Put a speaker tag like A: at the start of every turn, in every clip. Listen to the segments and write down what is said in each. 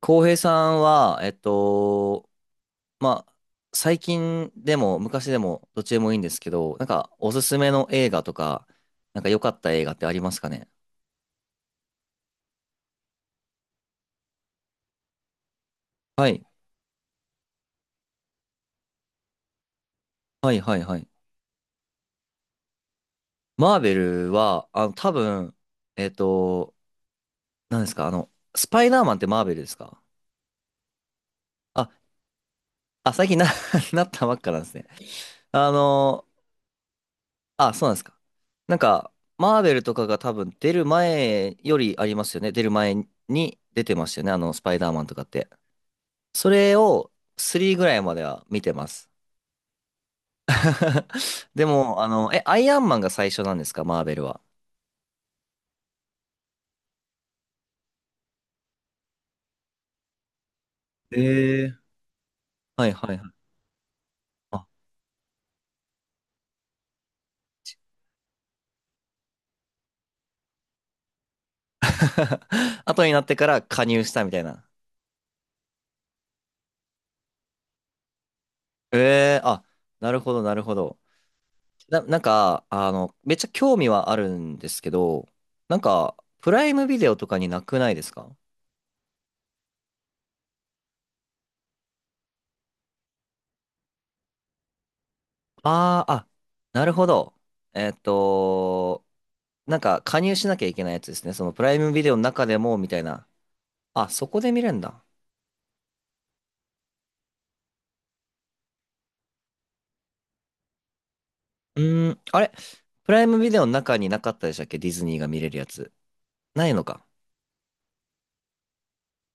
A: 浩平さんは、まあ、最近でも昔でもどっちでもいいんですけど、なんかおすすめの映画とか、なんか良かった映画ってありますかね？はい。はいはいはい。マーベルは、多分、えっと、何ですかスパイダーマンってマーベルですか？あ、あ、最近なったばっかなんですね。あの、あ、そうなんですか。なんか、マーベルとかが多分出る前よりありますよね。出る前に出てましたよね。スパイダーマンとかって。それを3ぐらいまでは見てます。でも、アイアンマンが最初なんですか、マーベルは。ええ、はいはいはい。あ 後になってから加入したみたいな。ええ、あ、なるほどなるほど。なんか、めっちゃ興味はあるんですけど、なんか、プライムビデオとかになくないですか？あああ、なるほど。えーっと、なんか加入しなきゃいけないやつですね。そのプライムビデオの中でもみたいな。あ、そこで見れるんだ。うーん、あれ、プライムビデオの中になかったでしたっけ、ディズニーが見れるやつ。ないのか。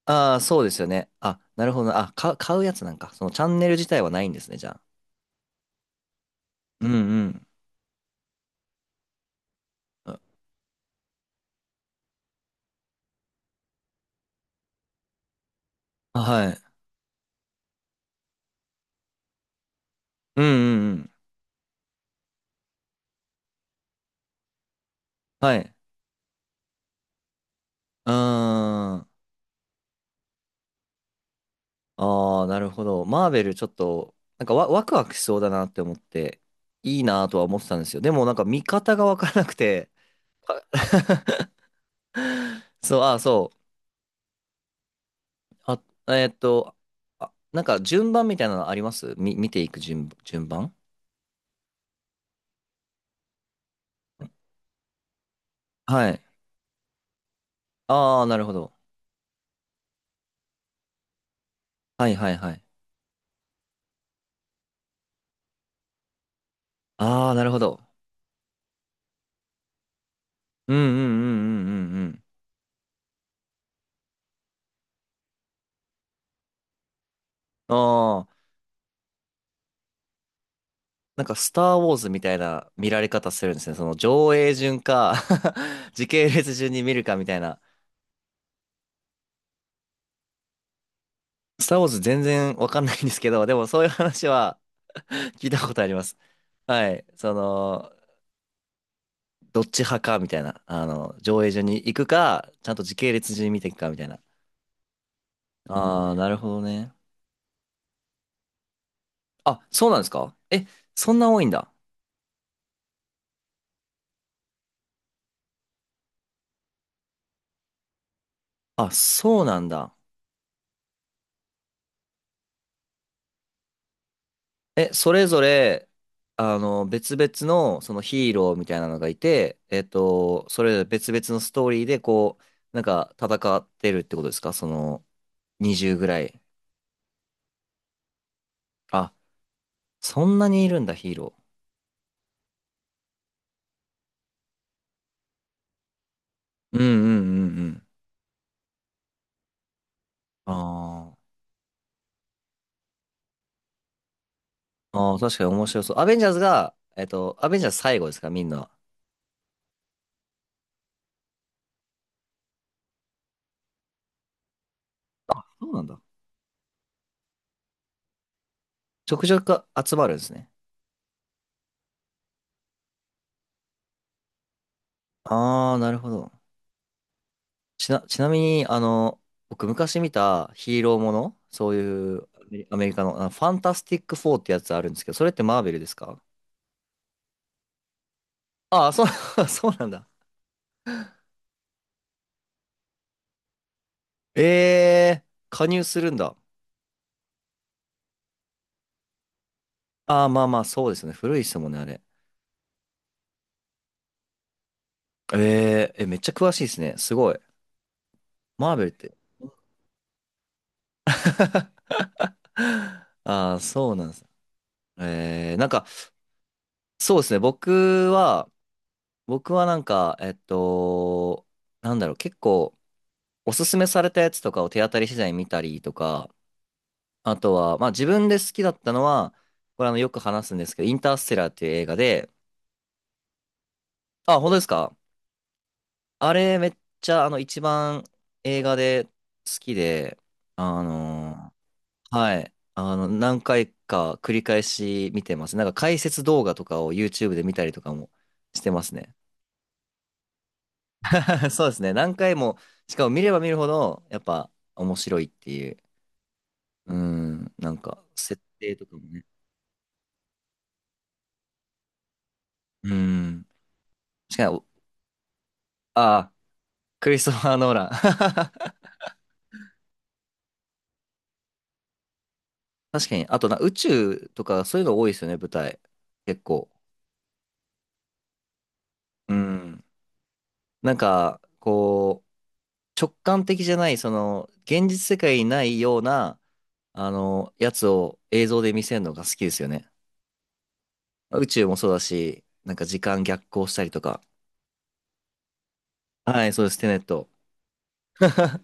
A: ああ、そうですよね。あ、なるほど。あ、買うやつなんか。そのチャンネル自体はないんですね、じゃあ。うんうん。あ、はい。うんうんうん。はい。うーん。ああ、なるほど。マーベルちょっと、なんかワクワクしそうだなって思って、いいなとは思ってたんですよ。でもなんか見方がわからなくて。そう、ああ、そう。あ、えーっと、あ、なんか順番みたいなのあります、見ていく順番？はい。ああ、なるほど。はいはいはい。ああ、なるほど。うんうんうんうんうんうん。ああ、なんかスター・ウォーズみたいな見られ方するんですね。その上映順か 時系列順に見るかみたいな。スター・ウォーズ全然わかんないんですけど、でもそういう話は 聞いたことあります。はい。その、どっち派かみたいな。上映順に行くか、ちゃんと時系列順に見ていくかみたいな。ああ、なるほどね。あ、そうなんですか。え、そんな多いんだ。あ、そうなんだ。え、それぞれ、別々の、そのヒーローみたいなのがいて、それぞれ別々のストーリーで、こう、なんか戦ってるってことですか、その、20ぐらい。あ、そんなにいるんだ、ヒーロー。うんうんうんうん。ああ、ああ、確かに面白そう。アベンジャーズが、アベンジャーズ最後ですか、みんな。そうなんだ。ちょくちょく集まるんですね。ああ、なるほど。ちなみに、僕昔見たヒーローもの、そういうアメリカの、あのファンタスティックフォーってやつあるんですけど、それってマーベルですか？ああ、そう、そうなんだ。ええー、加入するんだ。ああ、まあまあ、そうですね。古いですもんね、あれ。えええ、めっちゃ詳しいですね。すごい。マーベルって。ああ、そうなんです。ええ、なんか、そうですね。僕は、僕はなんか、なんだろう、結構、おすすめされたやつとかを手当たり次第見たりとか、あとは、まあ自分で好きだったのは、これ、よく話すんですけど、インターステラーっていう映画で、あ、本当ですか？あれめっちゃ、一番映画で好きで、あのはい、あの何回か繰り返し見てます。なんか解説動画とかを YouTube で見たりとかもしてますね。そうですね。何回も、しかも見れば見るほど、やっぱ面白いっていう、うん、なんか設定とかもね。うん。しかも、あ、クリストファー・ノーラン。確かに。あと、な、宇宙とかそういうの多いですよね、舞台。結構。うん。なんか、こう、直感的じゃない、その、現実世界にないような、やつを映像で見せるのが好きですよね。宇宙もそうだし、なんか時間逆行したりとか。はい、そうです、テネット。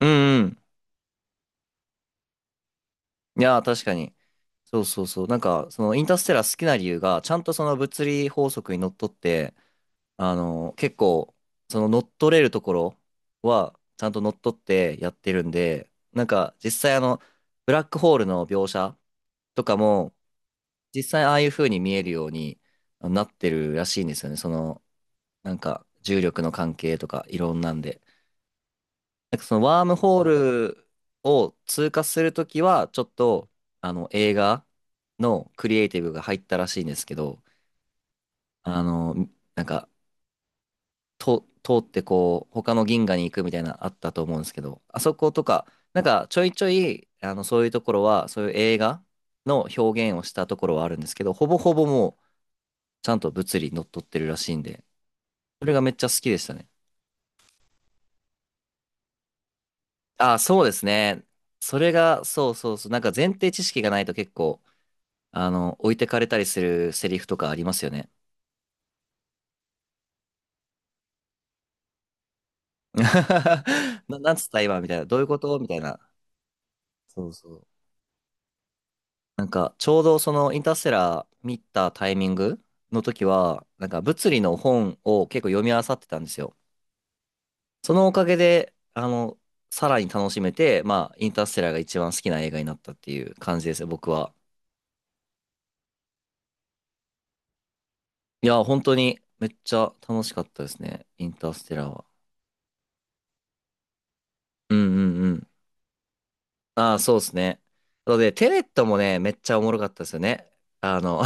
A: うんうん。いやー、確かに。そうそうそう。なんか、そのインターステラー好きな理由が、ちゃんとその物理法則にのっとって、結構、その乗っ取れるところは、ちゃんと乗っ取ってやってるんで、なんか、実際、ブラックホールの描写とかも、実際ああいう風に見えるようになってるらしいんですよね。その、なんか、重力の関係とか、いろんなんで。なんか、その、ワームホールを通過するときは、ちょっと、映画のクリエイティブが入ったらしいんですけど、あの、なんか、通ってこう、他の銀河に行くみたいなあったと思うんですけど、あそことか、なんかちょいちょい、そういうところは、そういう映画の表現をしたところはあるんですけど、ほぼほぼもう、ちゃんと物理にのっとってるらしいんで、それがめっちゃ好きでしたね。あ、そうですね。それが、そうそうそう、なんか前提知識がないと結構、置いてかれたりするセリフとかありますよね。なんつった今みたいな、どういうことみたいな。そうそう。なんか、ちょうどそのインターステラー見たタイミングの時は、なんか物理の本を結構読み漁ってたんですよ。そのおかげで、さらに楽しめて、まあ、インターステラーが一番好きな映画になったっていう感じですね、僕は。いや、本当にめっちゃ楽しかったですね、インターステラーは。うんうんうん。ああ、そうですね。なので、テネットもね、めっちゃおもろかったですよね。あの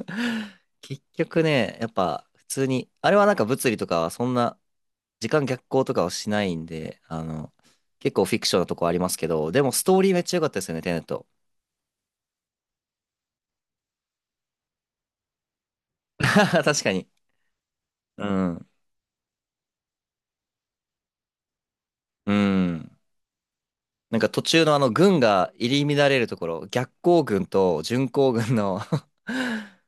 A: 結局ね、やっぱ普通に、あれはなんか物理とかはそんな、時間逆行とかはしないんで、結構フィクションなとこありますけど、でもストーリーめっちゃ良かったですよね、テネット。確かに。うん。うん。なんか途中のあの軍が入り乱れるところ、逆行軍と巡航軍の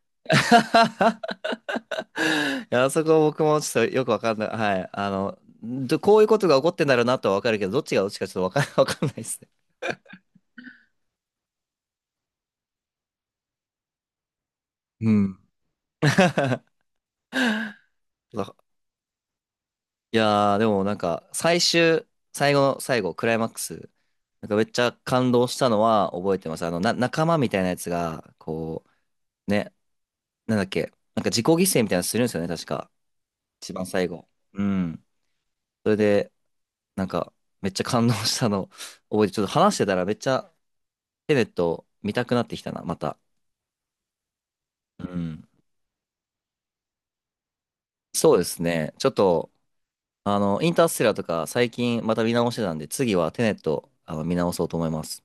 A: いや、あそこ僕もちょっとよくわかんない。はい。どこういうことが起こってんだろうなとはわかるけど、どっちがどっちかちょっとわかん、わかんないですね。うん。いやー、でもなんか、最後の最後、クライマックス、なんかめっちゃ感動したのは覚えてます。仲間みたいなやつが、こう、ね、なんだっけ、なんか自己犠牲みたいなのするんですよね、確か。一番最後。うん。それで、なんか、めっちゃ感動したの覚えて、ちょっと話してたらめっちゃ、テネット見たくなってきたな、また。うん。そうですね。ちょっと、インターステラーとか最近また見直してたんで、次はテネット、見直そうと思います。